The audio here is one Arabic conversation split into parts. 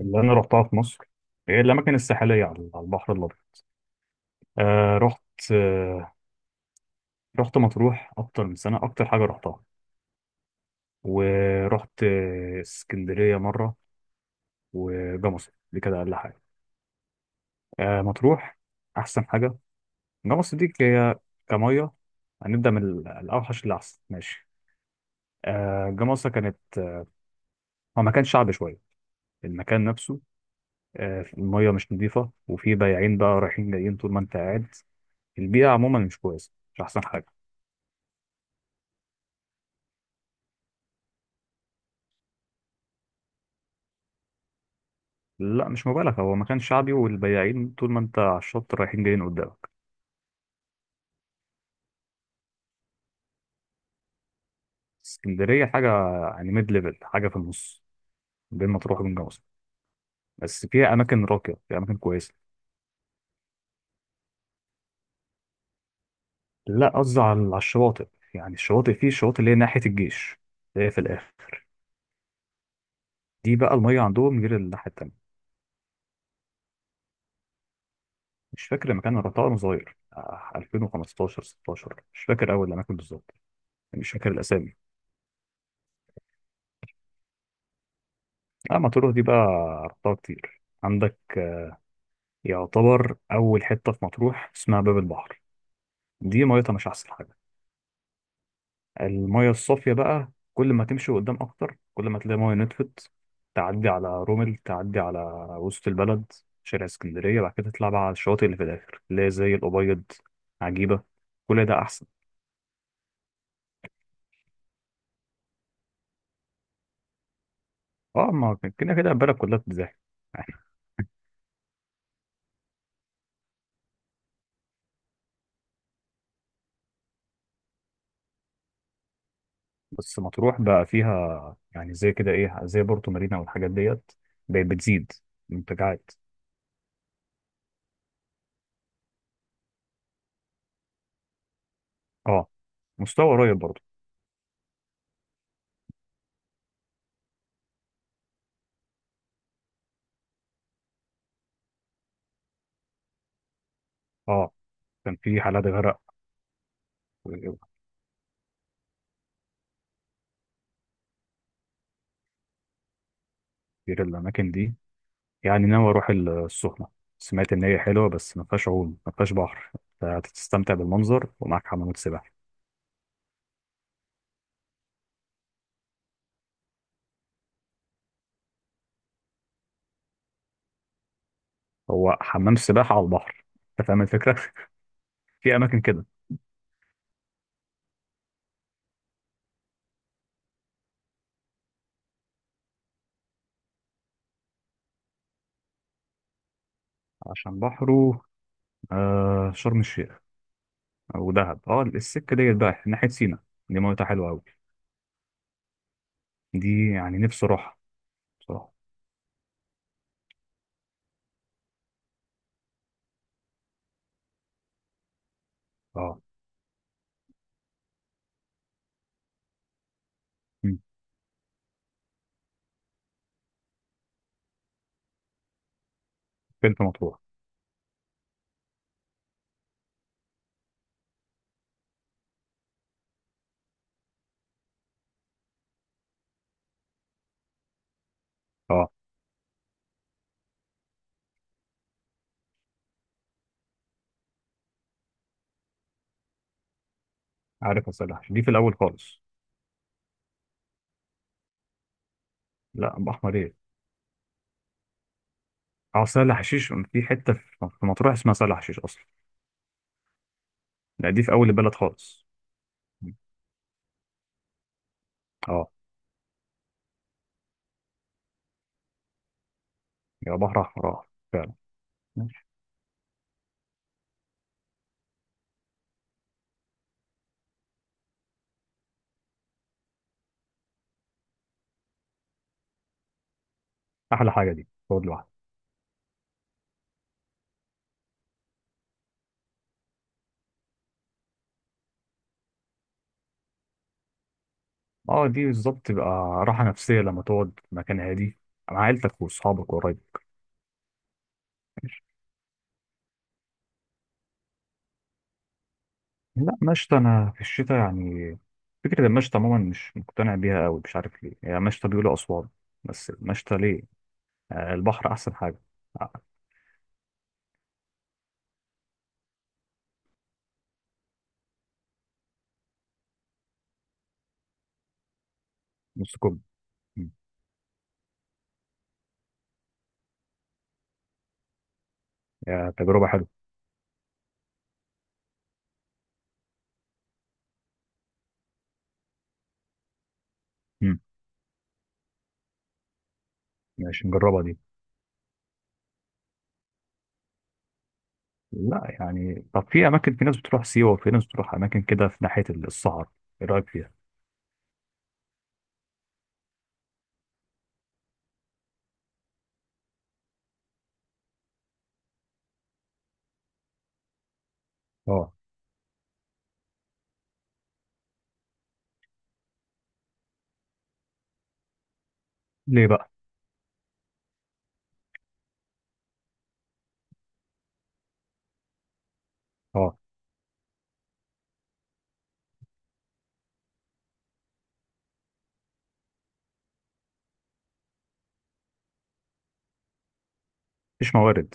اللي انا رحتها في مصر هي الاماكن الساحليه على البحر الابيض. آه رحت آه رحت مطروح اكتر من سنه، اكتر حاجه رحتها. ورحت اسكندريه مره. وجمصة دي كده اقل حاجه. مطروح احسن حاجه. جمصة دي هي كميه. هنبدا من الاوحش للاحسن ماشي. جمصة كانت هو مكان شعبي شويه، المكان نفسه. الميه مش نظيفه، وفي بياعين بقى رايحين جايين طول ما انت قاعد. البيئه عموما مش كويسه، مش احسن حاجه. لا، مش مبالغة، هو مكان شعبي والبياعين طول ما انت على الشط رايحين جايين قدامك. اسكندرية حاجة يعني ميد ليفل، حاجة في النص بين مطروح وبين جمصة. بس فيها أماكن راقية، فيها أماكن كويسة. لا، قصدي على الشواطئ. يعني الشواطئ، فيه الشواطئ اللي هي ناحية الجيش، اللي هي في الآخر. دي بقى المية عندهم غير الناحية التانية. مش فاكر المكان، أنا رحتها وأنا صغير، 2015 16، مش فاكر أول الأماكن بالظبط. يعني مش فاكر الأسامي. اه، مطروح دي بقى رحتها كتير عندك. يعتبر أول حتة في مطروح اسمها باب البحر. دي ميتها مش أحسن حاجة. المية الصافية بقى كل ما تمشي قدام أكتر كل ما تلاقي مية نطفت. تعدي على رومل، تعدي على وسط البلد، شارع اسكندرية. بعد كده تطلع بقى على الشواطئ اللي في الآخر، اللي هي زي الأبيض، عجيبة. كل ده أحسن. اه، ما كان كده كده البلد كلها بتتزحم يعني. بس مطروح بقى فيها يعني زي كده إيه، زي بورتو مارينا والحاجات ديت. بقت بتزيد منتجعات. اه، مستوى قريب برضه. اه، كان في حالات غرق. غير الاماكن دي، يعني ناوي اروح السخنه. سمعت ان هي حلوه بس ما فيهاش عوم، ما فيهاش بحر. هتستمتع بالمنظر ومعاك حمامات سباحه. هو حمام سباحه على البحر، انت فاهم الفكره. في اماكن كده. عشان بحره، شرم الشيخ. او دهب. اه، السكه ديت بقى ناحيه سينا، دي ميتها حلوه قوي. دي يعني نفسي اروحها بصراحه. اه. مم. بنت مطروح. اه، عارف. عسل حشيش دي في الاول خالص. لا، بحمر ايه؟ اه، سهل حشيش في حته في مطروح اسمها سهل حشيش اصلا. لا، دي في اول البلد خالص. اه، يا بحر احمر اه. فعلا. ماشي. احلى حاجه دي، تقعد لوحدك. اه، دي بالظبط تبقى راحه نفسيه لما تقعد في مكان هادي مع عيلتك واصحابك وقرايبك. ماشي. لا، مشتى انا في الشتاء يعني فكره المشتى عموما مش مقتنع بيها قوي. مش عارف ليه، هي مشتى بيقولوا اسوان، بس المشتى ليه؟ البحر احسن حاجه. آه، نص كوب. مم. يا تجربه حلوه. مم. ماشي نجربها دي. لا يعني، طب في اماكن، في ناس بتروح سيوه وفي ناس بتروح اماكن كده في ناحيه الصحراء. ايه رايك فيها؟ اه. ليه بقى؟ اه. مفيش موارد.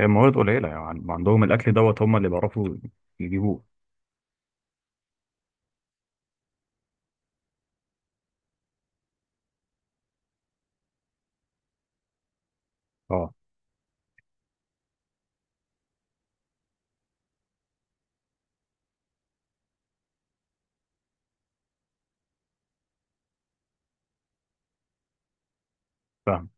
هي موارد قليله يعني، عندهم الاكل دوت هم اللي بيعرفوا يجيبوه. اه، فاهم.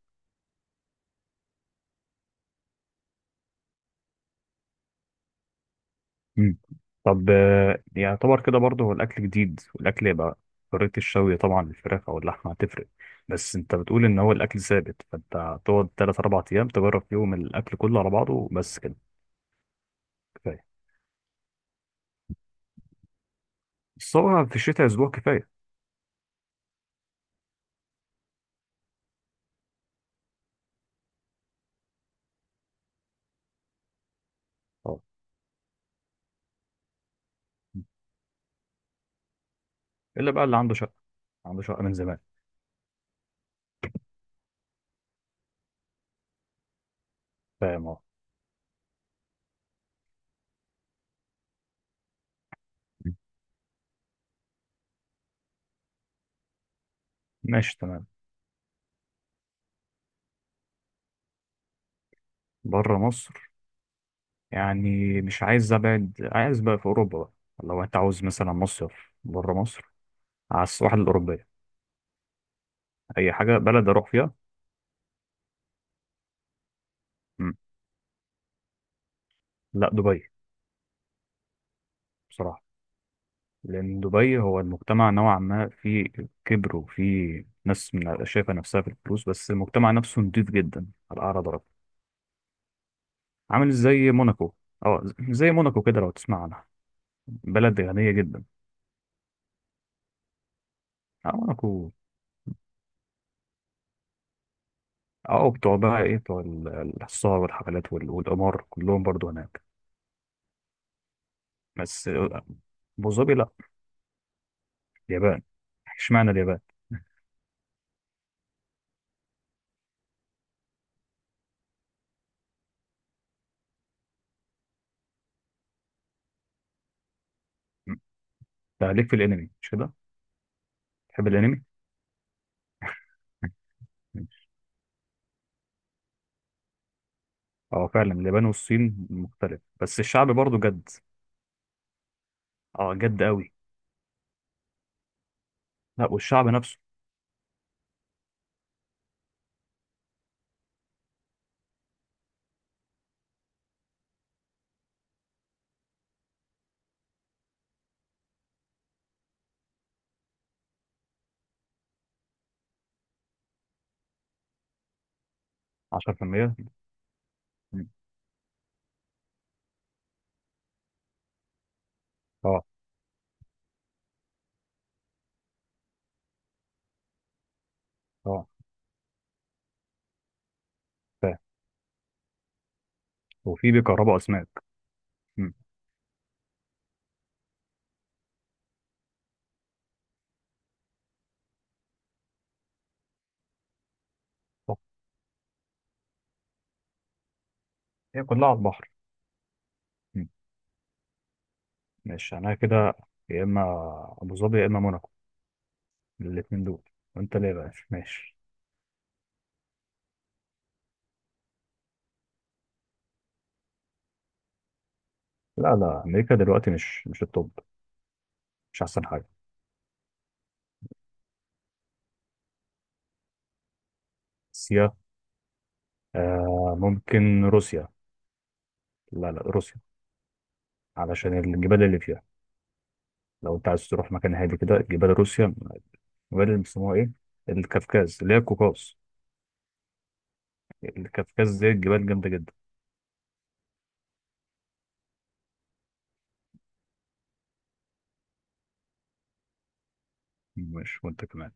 مم. طب يعتبر كده برضه هو الاكل جديد، والاكل يبقى طريقه الشوي طبعا الفراخ او اللحمه هتفرق. بس انت بتقول ان هو الاكل ثابت، فانت هتقعد 3 4 ايام تجرب فيهم الاكل كله على بعضه بس كده. كفايه. بس هو في الشتاء اسبوع كفايه. اه، الا بقى اللي عنده شقه، عنده شقه من زمان. فاهم. اه. مم. ماشي تمام. بره مصر، يعني مش عايز ابعد، عايز بقى في اوروبا بقى. لو انت عاوز مثلا مصيف بره مصر على السواحل الاوروبيه. اي حاجه، بلد اروح فيها. مم. لا، دبي بصراحه. لان دبي هو المجتمع نوعا ما فيه كبر، وفيه ناس شايفه نفسها في الفلوس، بس المجتمع نفسه نضيف جدا على اعلى درجه. عامل زي موناكو. اه، زي موناكو كده لو تسمع عنها، بلد غنيه جدا. اه، موناكو. اه، بتوع بقى ايه، بتوع السهر والحفلات والقمار كلهم برضو هناك. بس ابو ظبي، لا. اليابان. اشمعنى اليابان؟ ده ليك في الانمي، مش كده؟ تحب الانمي. ماشي. اه، فعلا اليابان والصين مختلف، بس الشعب برضه جد. اه، جد قوي. لا، والشعب نفسه. 10%. مم. اه. اه، فاهم. وفي بيكهربوا اسماك. مم. صح. هي كلها على البحر. مم. ماشي انا كده، يا اما ابو ظبي يا اما موناكو. الاثنين دول. وانت ليه بقى ماشي؟ لا لا، امريكا دلوقتي مش التوب، مش احسن حاجه. روسيا. آه، ممكن روسيا. لا لا، روسيا علشان الجبال اللي فيها. لو انت عايز تروح مكان هادي كده، جبال روسيا. الجبال اللي بيسموها ايه، الكافكاز، اللي هي القوقاز. الكافكاز دي الجبال جامدة جدا. ماشي وانت كمان.